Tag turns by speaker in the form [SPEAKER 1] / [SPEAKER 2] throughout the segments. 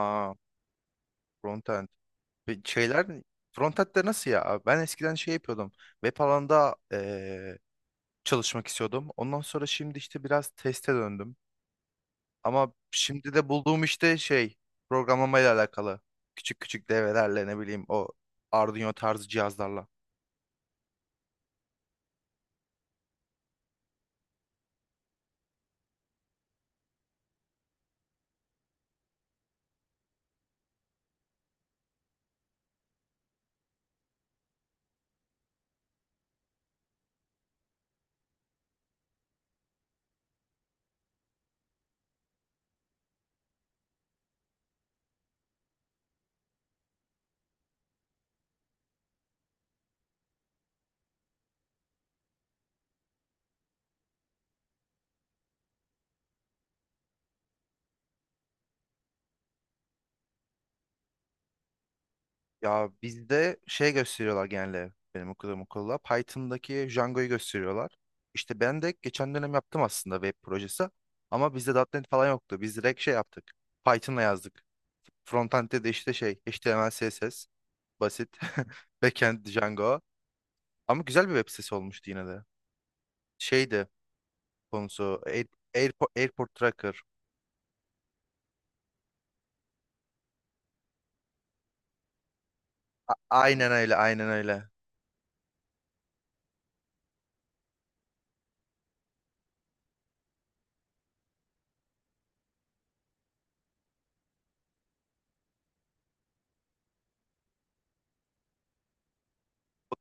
[SPEAKER 1] Aa, frontend. Ve şeyler frontend'de nasıl ya? Ben eskiden şey yapıyordum. Web alanda çalışmak istiyordum. Ondan sonra şimdi işte biraz teste döndüm. Ama şimdi de bulduğum işte şey programlamayla alakalı. Küçük küçük devrelerle ne bileyim o Arduino tarzı cihazlarla. Ya bizde şey gösteriyorlar genelde benim okuduğum okulda. Python'daki Django'yu gösteriyorlar. İşte ben de geçen dönem yaptım aslında web projesi. Ama bizde .nokta .NET falan yoktu. Biz direkt şey yaptık. Python'la yazdık. Frontend'de de işte şey HTML, CSS basit. Backend Django. Ama güzel bir web sitesi olmuştu yine de. Şeydi konusu Airport Tracker. Aynen öyle, aynen öyle.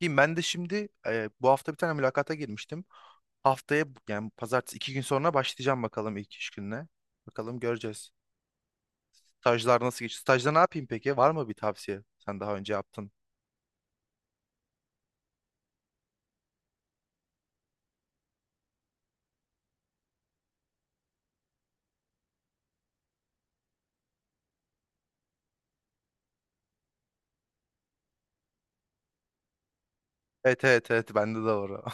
[SPEAKER 1] Ki ben de şimdi bu hafta bir tane mülakata girmiştim. Haftaya yani pazartesi iki gün sonra başlayacağım, bakalım ilk iş gününe. Bakalım göreceğiz. Stajlar nasıl geçiyor? Stajda ne yapayım peki? Var mı bir tavsiye? Sen daha önce yaptın. Evet evet evet, bende de var.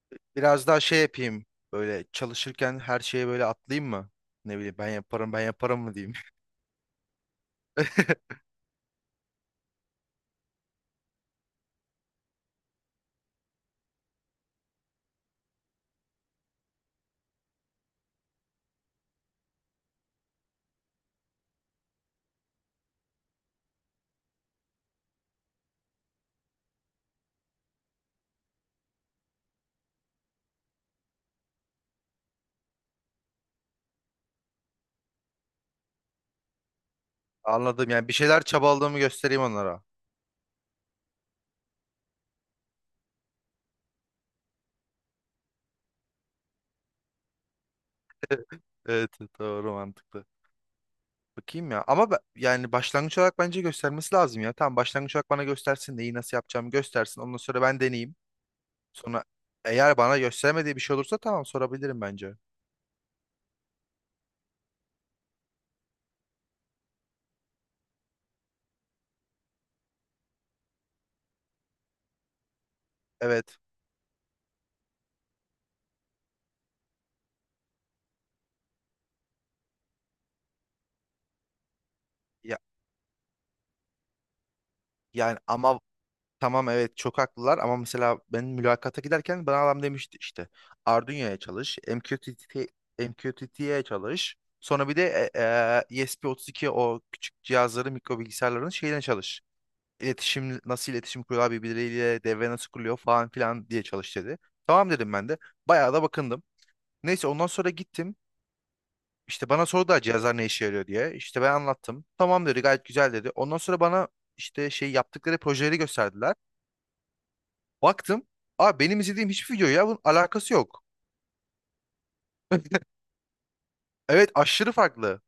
[SPEAKER 1] Biraz daha şey yapayım. Böyle çalışırken her şeye böyle atlayayım mı? Ne bileyim, ben yaparım ben yaparım mı diyeyim. Anladım, yani bir şeyler çabaladığımı göstereyim onlara. Evet evet. Doğru mantıklı. Bakayım ya. Ama yani başlangıç olarak bence göstermesi lazım ya. Tamam, başlangıç olarak bana göstersin, neyi nasıl yapacağımı göstersin. Ondan sonra ben deneyeyim. Sonra eğer bana göstermediği bir şey olursa, tamam, sorabilirim bence. Evet. Ya, yani ama tamam evet, çok haklılar, ama mesela ben mülakata giderken bana adam demişti işte Arduino'ya çalış, MQTT, MQTT'ye çalış. Sonra bir de ESP32, o küçük cihazların, mikro bilgisayarların şeyine çalış. İletişim nasıl, iletişim kuruyorlar birbirleriyle, devre nasıl kuruluyor falan filan diye çalış dedi. Tamam dedim ben de. Bayağı da bakındım. Neyse ondan sonra gittim. İşte bana sordular cihazlar ne işe yarıyor diye. İşte ben anlattım. Tamam dedi, gayet güzel dedi. Ondan sonra bana işte şey, yaptıkları projeleri gösterdiler. Baktım. Aa, benim izlediğim hiçbir video ya bunun alakası yok. Evet, aşırı farklı.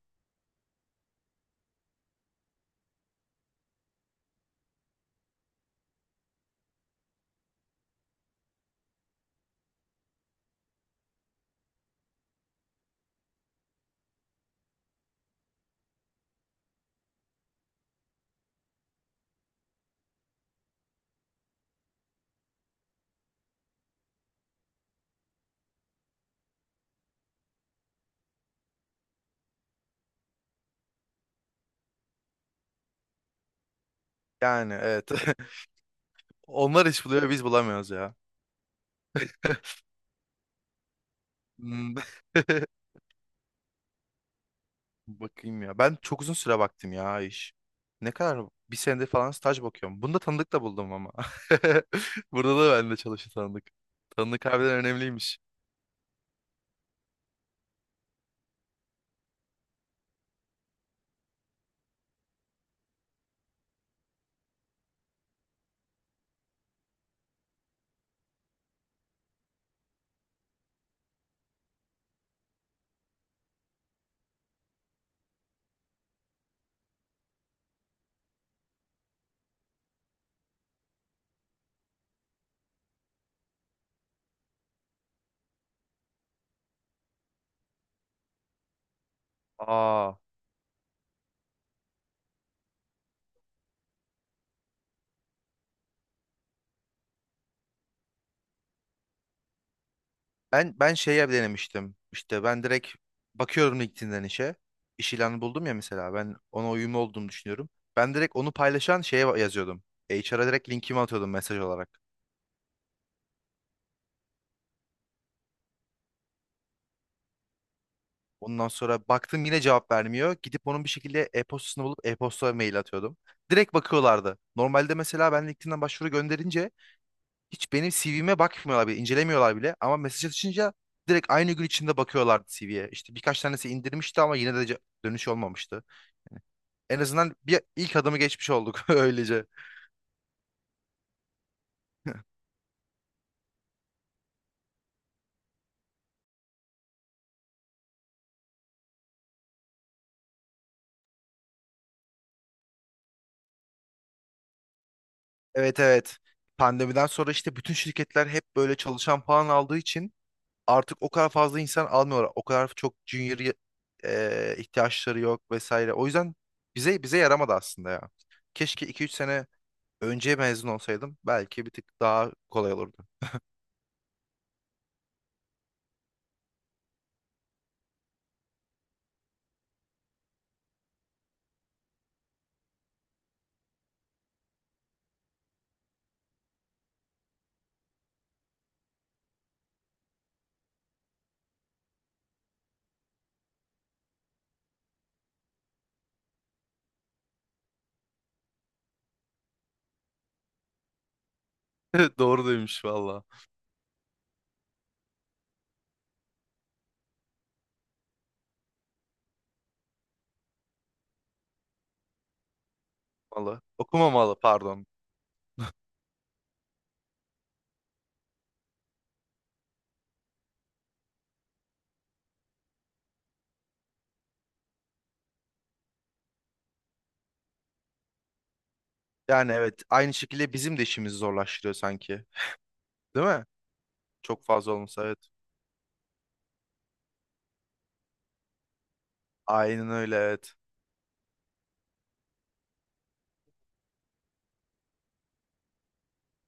[SPEAKER 1] Yani evet. Onlar iş buluyor, biz bulamıyoruz ya. Hmm. Bakayım ya. Ben çok uzun süre baktım ya iş. Ne kadar? Bir senedir falan staj bakıyorum. Bunda tanıdık da buldum ama. Burada da bende çalışan tanıdık. Tanıdık harbiden önemliymiş. Aa, ben şeye denemiştim. İşte ben direkt bakıyorum LinkedIn'den işe. İş ilanı buldum ya mesela. Ben ona uyumlu olduğumu düşünüyorum. Ben direkt onu paylaşan şeye yazıyordum. HR'a direkt linkimi atıyordum mesaj olarak. Ondan sonra baktım yine cevap vermiyor. Gidip onun bir şekilde e-postasını bulup e-posta mail atıyordum. Direkt bakıyorlardı. Normalde mesela ben LinkedIn'den başvuru gönderince hiç benim CV'me bakmıyorlar bile, incelemiyorlar bile. Ama mesaj atışınca direkt aynı gün içinde bakıyorlardı CV'ye. İşte birkaç tanesi indirmişti ama yine de dönüş olmamıştı. En azından bir ilk adımı geçmiş olduk öylece. Evet evet. Pandemiden sonra işte bütün şirketler hep böyle çalışan falan aldığı için, artık o kadar fazla insan almıyorlar. O kadar çok junior ihtiyaçları yok vesaire. O yüzden bize yaramadı aslında ya. Keşke 2-3 sene önce mezun olsaydım belki bir tık daha kolay olurdu. Doğru demiş valla. Valla. Okumamalı, pardon. Yani evet, aynı şekilde bizim de işimizi zorlaştırıyor sanki. Değil mi? Çok fazla olmasa evet. Aynen öyle, evet.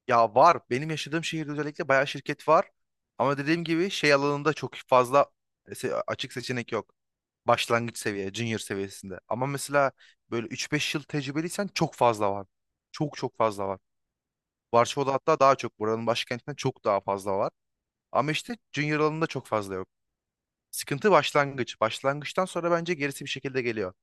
[SPEAKER 1] Ya var. Benim yaşadığım şehirde özellikle bayağı şirket var. Ama dediğim gibi şey alanında çok fazla açık seçenek yok. Başlangıç seviye, junior seviyesinde. Ama mesela böyle 3-5 yıl tecrübeliysen çok fazla var. Çok çok fazla var. Varşova'da hatta daha çok. Buranın başkentinden çok daha fazla var. Ama işte junior alanında çok fazla yok. Sıkıntı başlangıç. Başlangıçtan sonra bence gerisi bir şekilde geliyor.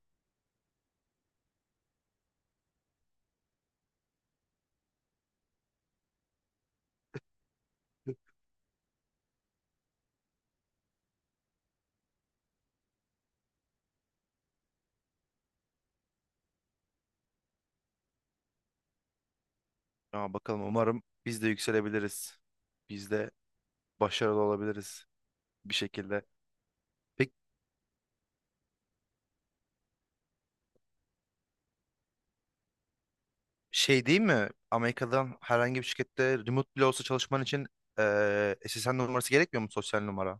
[SPEAKER 1] Ya bakalım, umarım biz de yükselebiliriz. Biz de başarılı olabiliriz bir şekilde. Peki şey değil mi? Amerika'dan herhangi bir şirkette remote bile olsa çalışman için SSN numarası gerekmiyor mu, sosyal numara?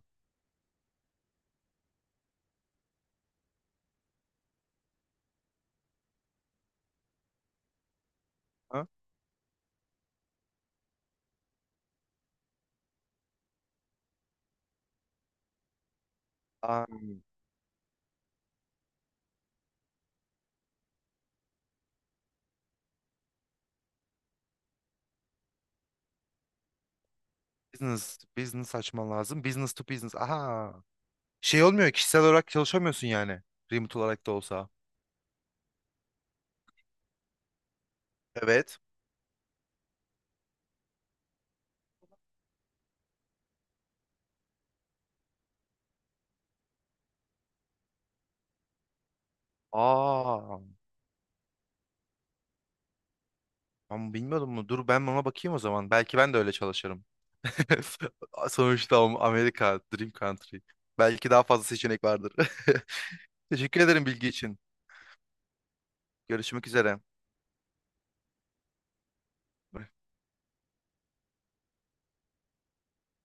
[SPEAKER 1] Ha? Aa, business, business açman lazım. Business to business. Aha. Şey olmuyor, kişisel olarak çalışamıyorsun yani. Remote olarak da olsa. Evet. Aa, ben bilmiyordum bunu. Dur ben buna bakayım o zaman. Belki ben de öyle çalışırım. Sonuçta Amerika, Dream Country. Belki daha fazla seçenek vardır. Teşekkür ederim bilgi için. Görüşmek üzere.